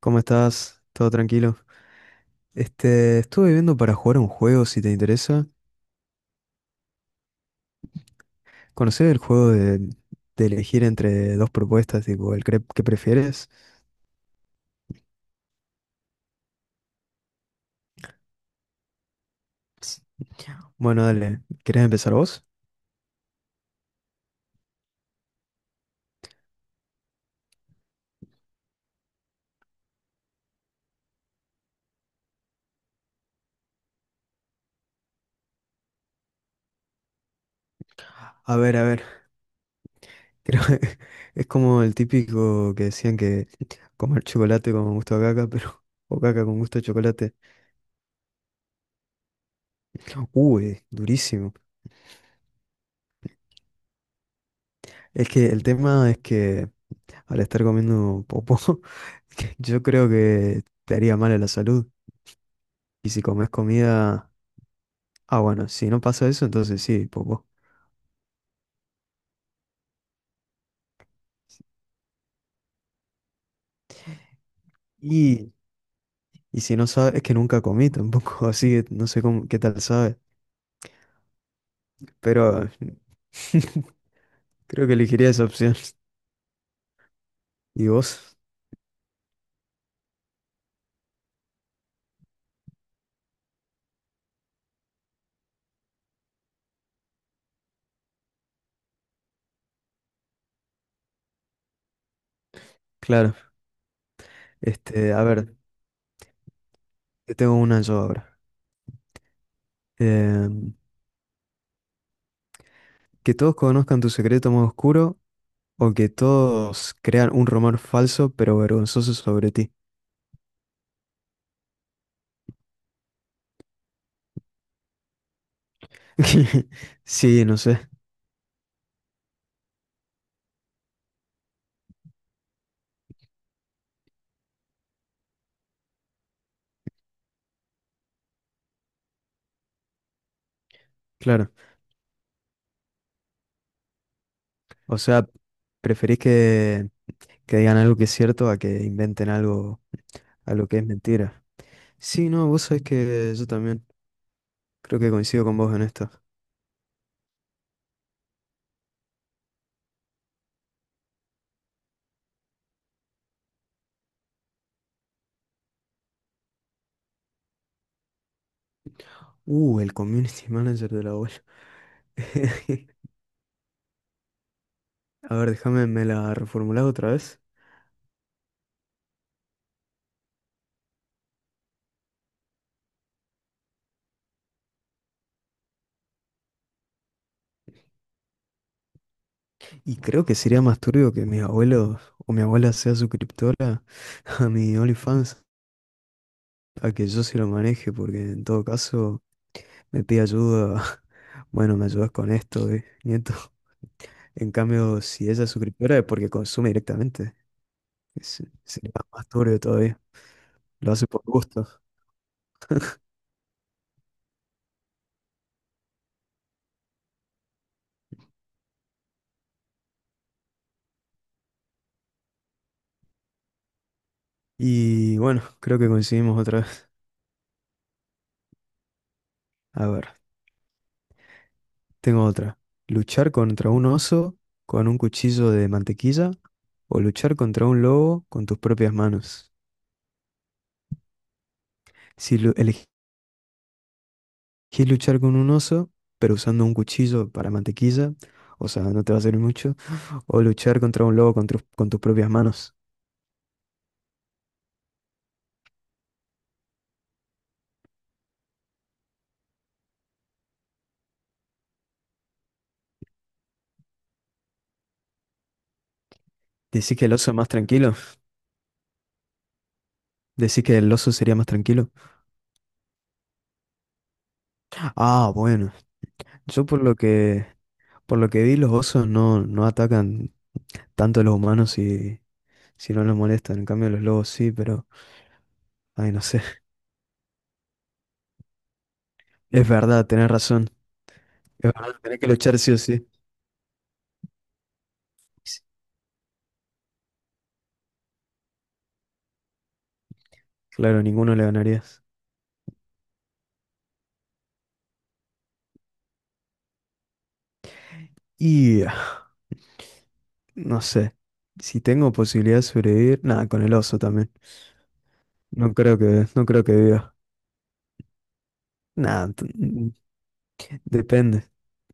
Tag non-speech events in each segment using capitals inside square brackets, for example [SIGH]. ¿Cómo estás? ¿Todo tranquilo? Este, estuve viendo para jugar un juego, si te interesa. ¿Conocer el juego de, elegir entre dos propuestas, tipo el que prefieres? S- Bueno, dale, ¿querés empezar vos? A ver, [LAUGHS] creo que es como el típico que decían que comer chocolate con gusto a caca, pero [LAUGHS] o caca con gusto a chocolate. Uy, durísimo. Es que el tema es que al estar comiendo popó, [LAUGHS] yo creo que te haría mal a la salud. Y si comes comida... Ah, bueno, si no pasa eso, entonces sí, poco. Y, y si no sabes, es que nunca comí tampoco, [LAUGHS] así que no sé cómo, qué tal sabe. Pero [LAUGHS] creo que elegiría esa opción. ¿Y vos? Claro. Este, a ver, te tengo una yo ahora. Em, que todos conozcan tu secreto más oscuro o que todos crean un rumor falso pero vergonzoso sobre ti. [LAUGHS] Sí, no sé. Claro. O sea, ¿preferís que, digan algo que es cierto a que inventen algo, algo que es mentira? Sí, no, vos sabés que yo también creo que coincido con vos en esto. El community [LAUGHS] manager de la web. [LAUGHS] A ver, déjame, me la reformulás otra vez. Y creo que sería más turbio que mis abuelos o mi abuela sea suscriptora [LAUGHS] a mi OnlyFans, a que yo se lo maneje, porque en todo caso me pide ayuda. [LAUGHS] Bueno, me ayudas con esto, nieto. En cambio, si esa es suscriptora es porque consume directamente. Sería más turbio todavía. Lo hace por gusto. Y bueno, creo que coincidimos otra vez. A ver, tengo otra. ¿Luchar contra un oso con un cuchillo de mantequilla o luchar contra un lobo con tus propias manos? Si elegís luchar con un oso, pero usando un cuchillo para mantequilla, o sea, no te va a servir mucho, o luchar contra un lobo con tus propias manos. ¿Decís que el oso es más tranquilo? ¿Decís que el oso sería más tranquilo? Ah, bueno. Yo por lo que vi, los osos no, no atacan tanto a los humanos si no los molestan. En cambio, los lobos sí, pero ay, no sé. [LAUGHS] Es verdad, tenés razón. Es verdad, tenés que luchar sí o sí. Claro, ninguno le ganarías. Y [SIGHS] ah, no sé. Si tengo posibilidad de sobrevivir, nada, con el oso también. No creo que viva. Nada, depende.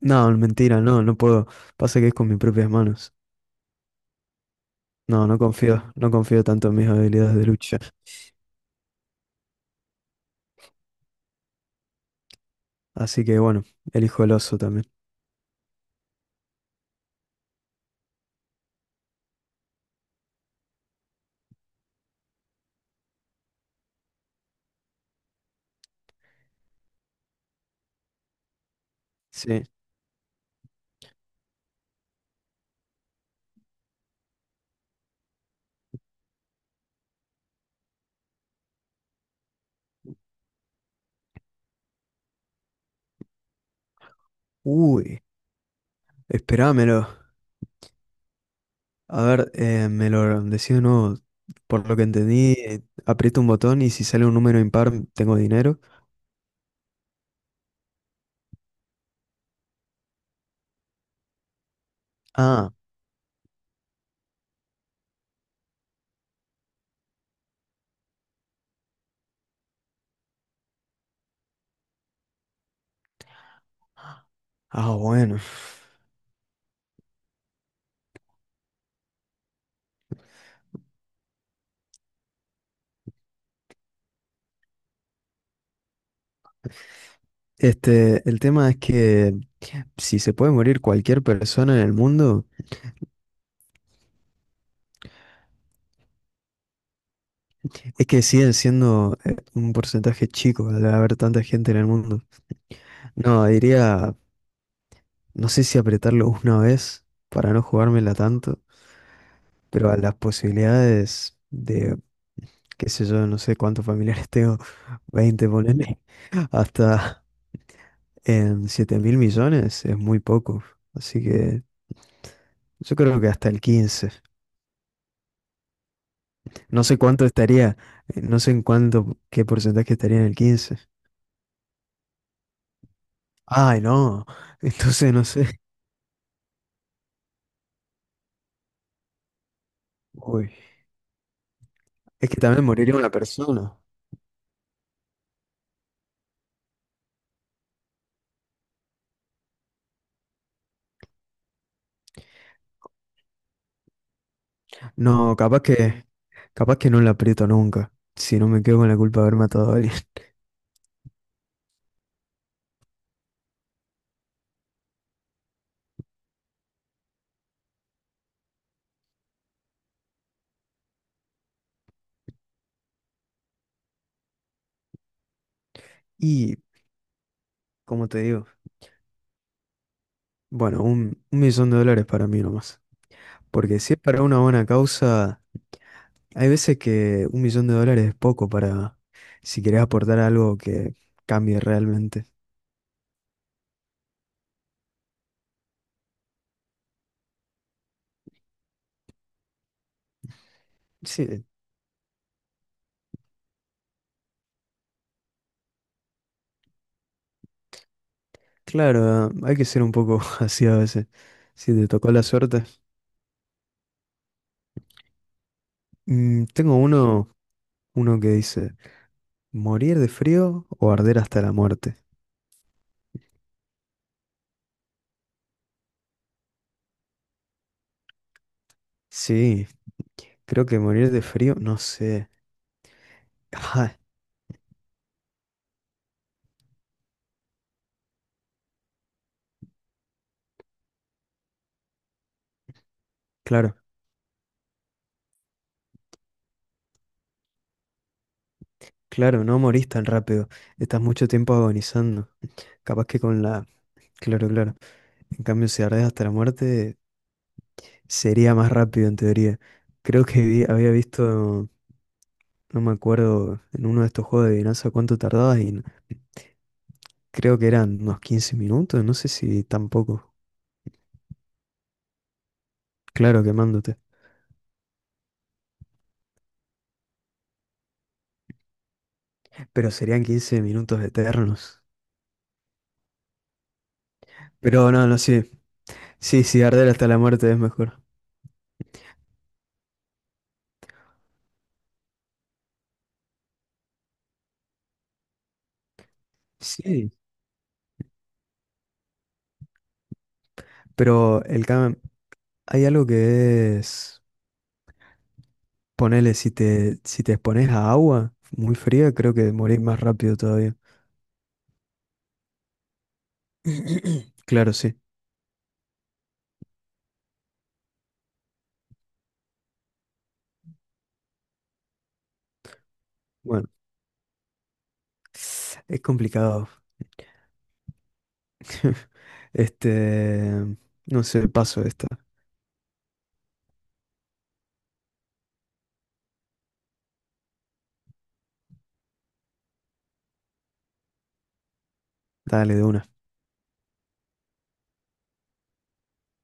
No, mentira, no, no puedo. Pasa que es con mis propias manos. No, no confío tanto en mis habilidades de lucha. Así que bueno, elijo el oso también. Sí. Uy, esperámelo. A ver, me lo decís de nuevo. Por lo que entendí, aprieto un botón y si sale un número impar, tengo dinero. Ah, ah, bueno. Este, el tema es que si se puede morir cualquier persona en el mundo, es que siguen siendo un porcentaje chico al haber tanta gente en el mundo. No, diría No sé si apretarlo una vez para no jugármela tanto, pero a las posibilidades de, qué sé yo, no sé cuántos familiares tengo, [LAUGHS] 20 ponele, [LAUGHS] hasta en 7.000.000.000 es muy poco. Así que yo creo que hasta el 15. No sé cuánto estaría, no sé qué porcentaje estaría en el 15. Ay, no, [LAUGHS] entonces no sé. Uy, es que también moriría una persona. No, capaz que no la aprieto nunca. Si no me quedo con la culpa de haber matado a alguien. [LAUGHS] Y, como te digo, bueno, un millón de dólares para mí nomás. Porque si es para una buena causa, hay veces que 1 millón de dólares es poco para si querés aportar algo que cambie realmente. Sí, claro, hay que ser un poco [LAUGHS] así a veces. Si te tocó la suerte. Mm, tengo uno que dice, ¿morir de frío o arder hasta la muerte? Sí, creo que morir de frío, no sé. [LAUGHS] Ah, claro, claro, no morís tan rápido. Estás mucho tiempo agonizando. Capaz que con la... Claro, claro. En cambio, si ardés hasta la muerte, sería más rápido en teoría. Creo que había visto, no me acuerdo, en uno de estos juegos de adivinanza cuánto tardabas y creo que eran unos 15 minutos, no sé si tampoco. Claro, quemándote. Pero serían 15 minutos eternos. Pero no, no, sí. Sí, sí, arder hasta la muerte es mejor. Sí. Pero el hay algo que es, ponele, si te expones a agua muy fría, creo que morís más rápido todavía. [CLEARS THROAT] Claro, sí. Bueno, es complicado. [LAUGHS] Este, no sé, paso esta. Dale de una.